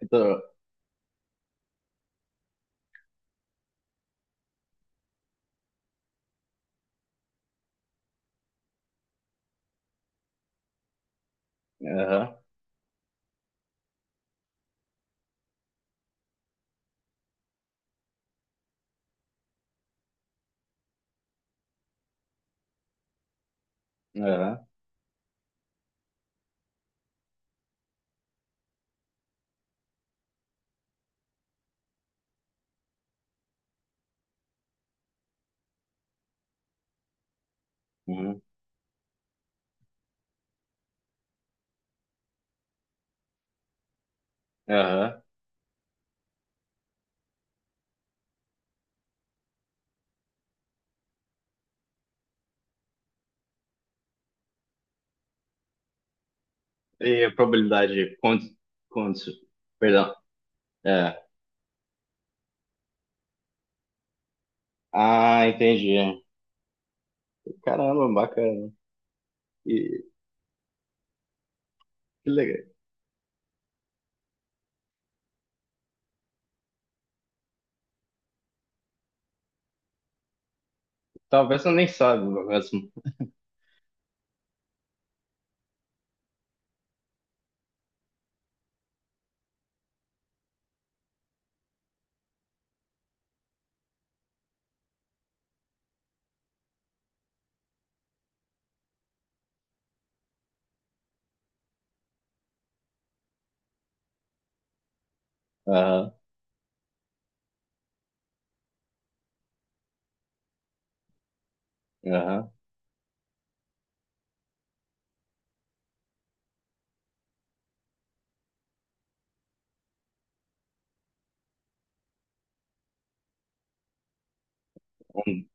Então, aham, aham, uhum, aham. E a probabilidade de cont, perdão. É. Ah, entendi. Caramba, bacana. E que legal. Talvez eu nem saiba mesmo. Aham, aham, um,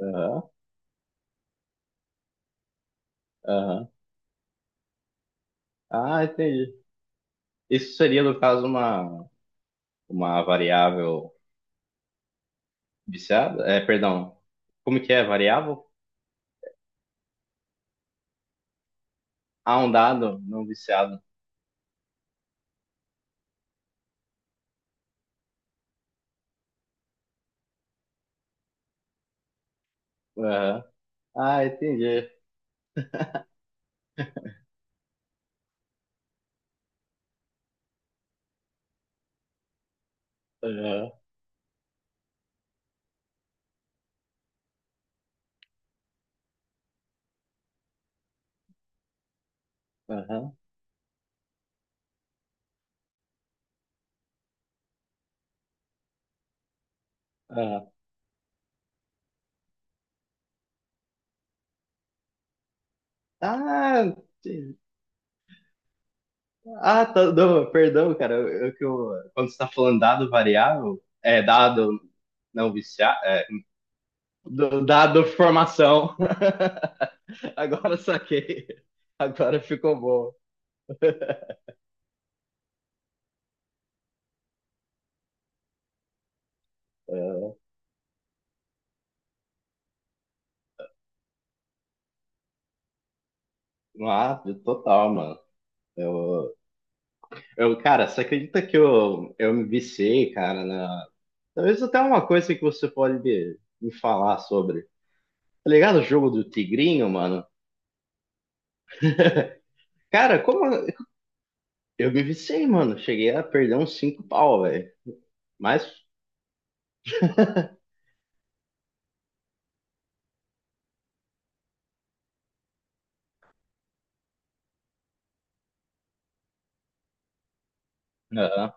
aham, aham. Ah, entendi. Isso seria, no caso, uma variável viciada? É, perdão. Como que é? Variável? Ah, um dado não viciado. Aham. Ah, entendi. Aham, aham, aham. Ah, te- ah, tá, não, perdão, cara. Quando você tá falando dado variável, é dado não viciar, é, dado formação. Agora eu saquei. Agora ficou bom. Ah, total, mano. Eu, cara, você acredita que eu me viciei, cara, na... Talvez até uma coisa que você pode me falar sobre. Tá ligado o jogo do tigrinho, mano? Cara, como, Eu me viciei, mano. Cheguei a perder uns cinco pau, velho. Mas. Não,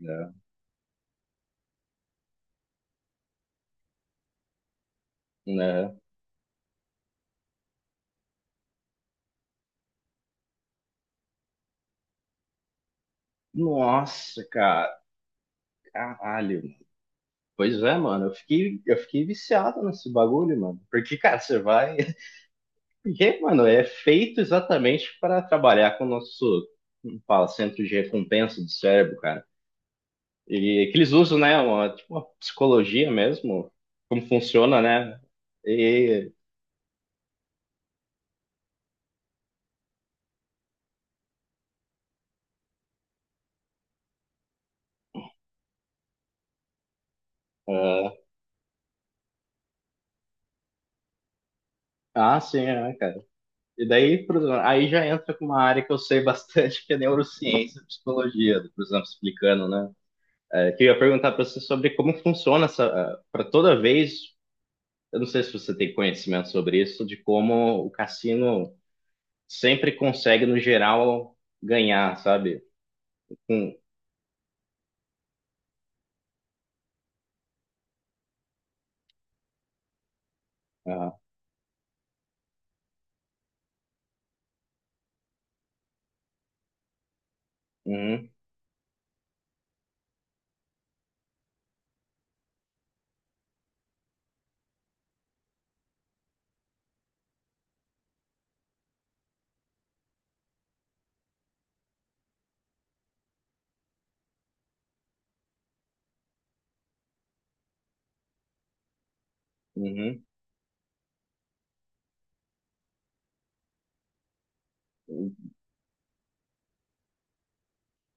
não, aham. Nossa, cara. Caralho. Pois é, mano. Eu fiquei viciado nesse bagulho, mano. Porque, cara, você vai. Porque, mano, é feito exatamente para trabalhar com o nosso, como fala, centro de recompensa do cérebro, cara. E é que eles usam, né? Uma, tipo, uma psicologia mesmo. Como funciona, né? E. Ah, ah, sim, é, cara. E daí, por exemplo, aí já entra com uma área que eu sei bastante, que é neurociência e psicologia, por exemplo, explicando, né? É, que eu ia perguntar para você sobre como funciona essa. Para toda vez, eu não sei se você tem conhecimento sobre isso, de como o cassino sempre consegue, no geral, ganhar, sabe? Hum, ah, uhum, uhum,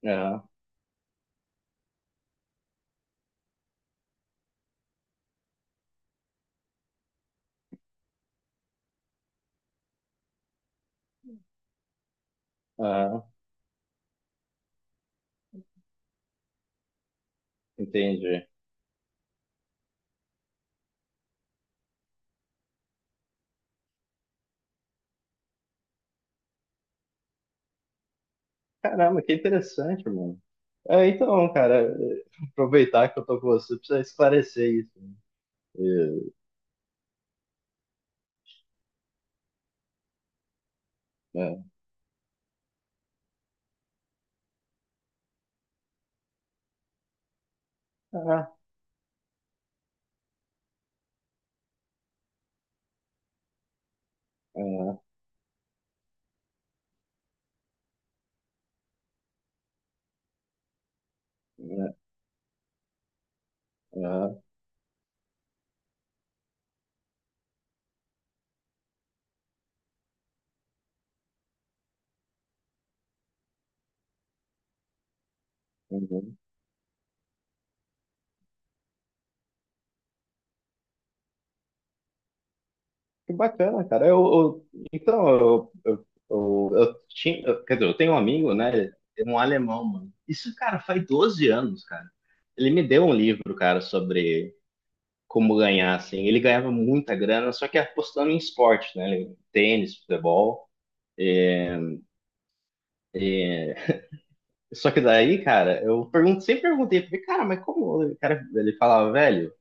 ah, ah, entendi. Caramba, que interessante, mano. É, então, cara, aproveitar que eu tô com você, precisa esclarecer isso. É. Ah, é, é, é, uhum. Que bacana, cara. Então, quer dizer, eu tenho um amigo, né? Um alemão, mano. Isso, cara, faz 12 anos, cara. Ele me deu um livro, cara, sobre como ganhar, assim. Ele ganhava muita grana, só que apostando em esporte, né? Tênis, futebol. Só que daí, cara, eu pergunto, sempre perguntei, porque, cara, mas como? O cara, ele falava, velho.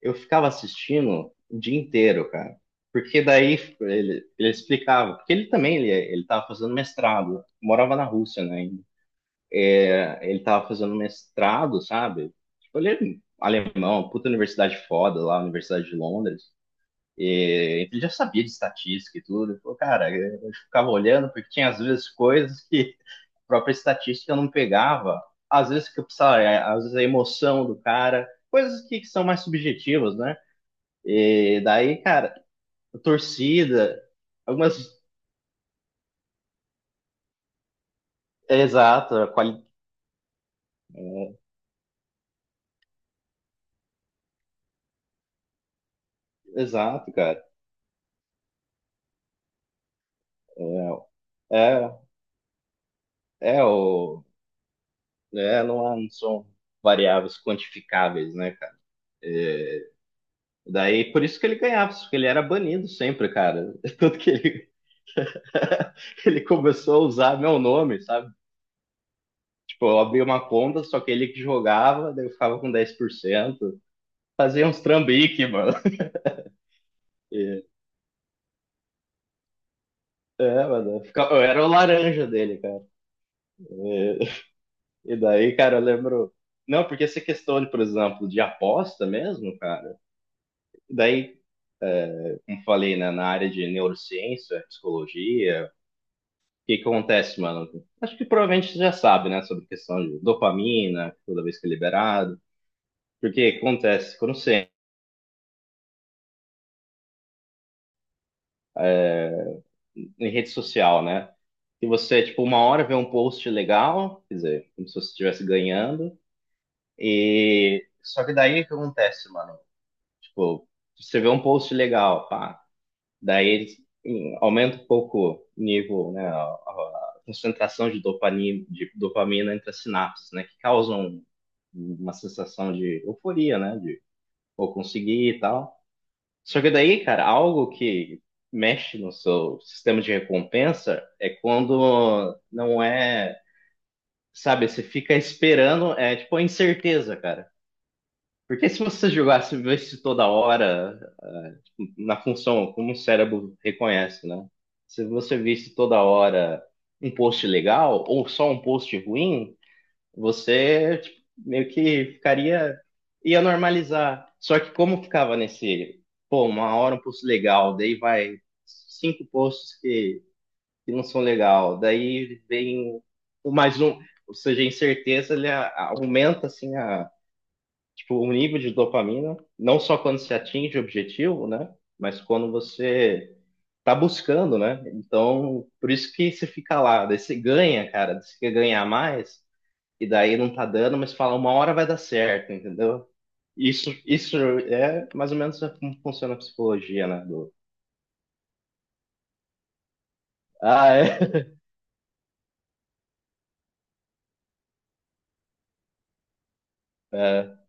Eu ficava assistindo o dia inteiro, cara. Porque daí ele explicava, porque ele também ele tava fazendo mestrado, morava na Rússia, né? Ainda. Ele tava fazendo mestrado, sabe? Tipo, ele é alemão, puta universidade foda lá, Universidade de Londres. E ele já sabia de estatística e tudo. Ele falou, cara, eu ficava olhando porque tinha às vezes coisas que a própria estatística eu não pegava. Às vezes que eu precisava, é, às vezes a emoção do cara, coisas que são mais subjetivas, né? E daí, cara, a torcida, algumas. É, exato, a quali... Exato, cara. É, é é o. É, não, não são variáveis quantificáveis, né, cara? Daí, por isso que ele ganhava, porque ele era banido sempre, cara. Tanto que ele começou a usar meu nome, sabe? Tipo, eu abri uma conta, só que ele que jogava, daí eu ficava com 10%. Fazia uns trambique, mano. É, mano. Eu era o laranja dele, cara. E daí, cara, eu lembro. Não, porque essa questão, de, por exemplo, de aposta mesmo, cara. Daí, como falei, né, na área de neurociência, psicologia, o que que acontece, mano? Acho que provavelmente você já sabe, né, sobre questão de dopamina, toda vez que é liberado. Porque acontece quando você, é em rede social, né? Que você, tipo, uma hora vê um post legal, quer dizer, como se você estivesse ganhando, e só que daí o que acontece, mano? Tipo, você vê um post legal, pá. Daí aumenta um pouco o nível, né, a concentração de dopamina, entre as sinapses, né, que causam uma sensação de euforia, né, de vou conseguir e tal. Só que daí, cara, algo que mexe no seu sistema de recompensa é quando não é, sabe, você fica esperando, é tipo a incerteza, cara. Porque se você jogasse, vivesse toda hora na função, como o cérebro reconhece, né? Se você visse toda hora um post legal ou só um post ruim, você tipo, meio que ficaria, ia normalizar. Só que como ficava nesse, pô, uma hora um post legal, daí vai cinco posts que não são legal, daí vem o mais um, ou seja, a incerteza ele aumenta assim a tipo, o nível de dopamina, não só quando se atinge o objetivo, né? Mas quando você tá buscando, né? Então, por isso que você fica lá, daí você ganha, cara, você quer ganhar mais, e daí não tá dando, mas fala, uma hora vai dar certo, entendeu? Isso é mais ou menos como funciona a psicologia, né? Do, ah, é.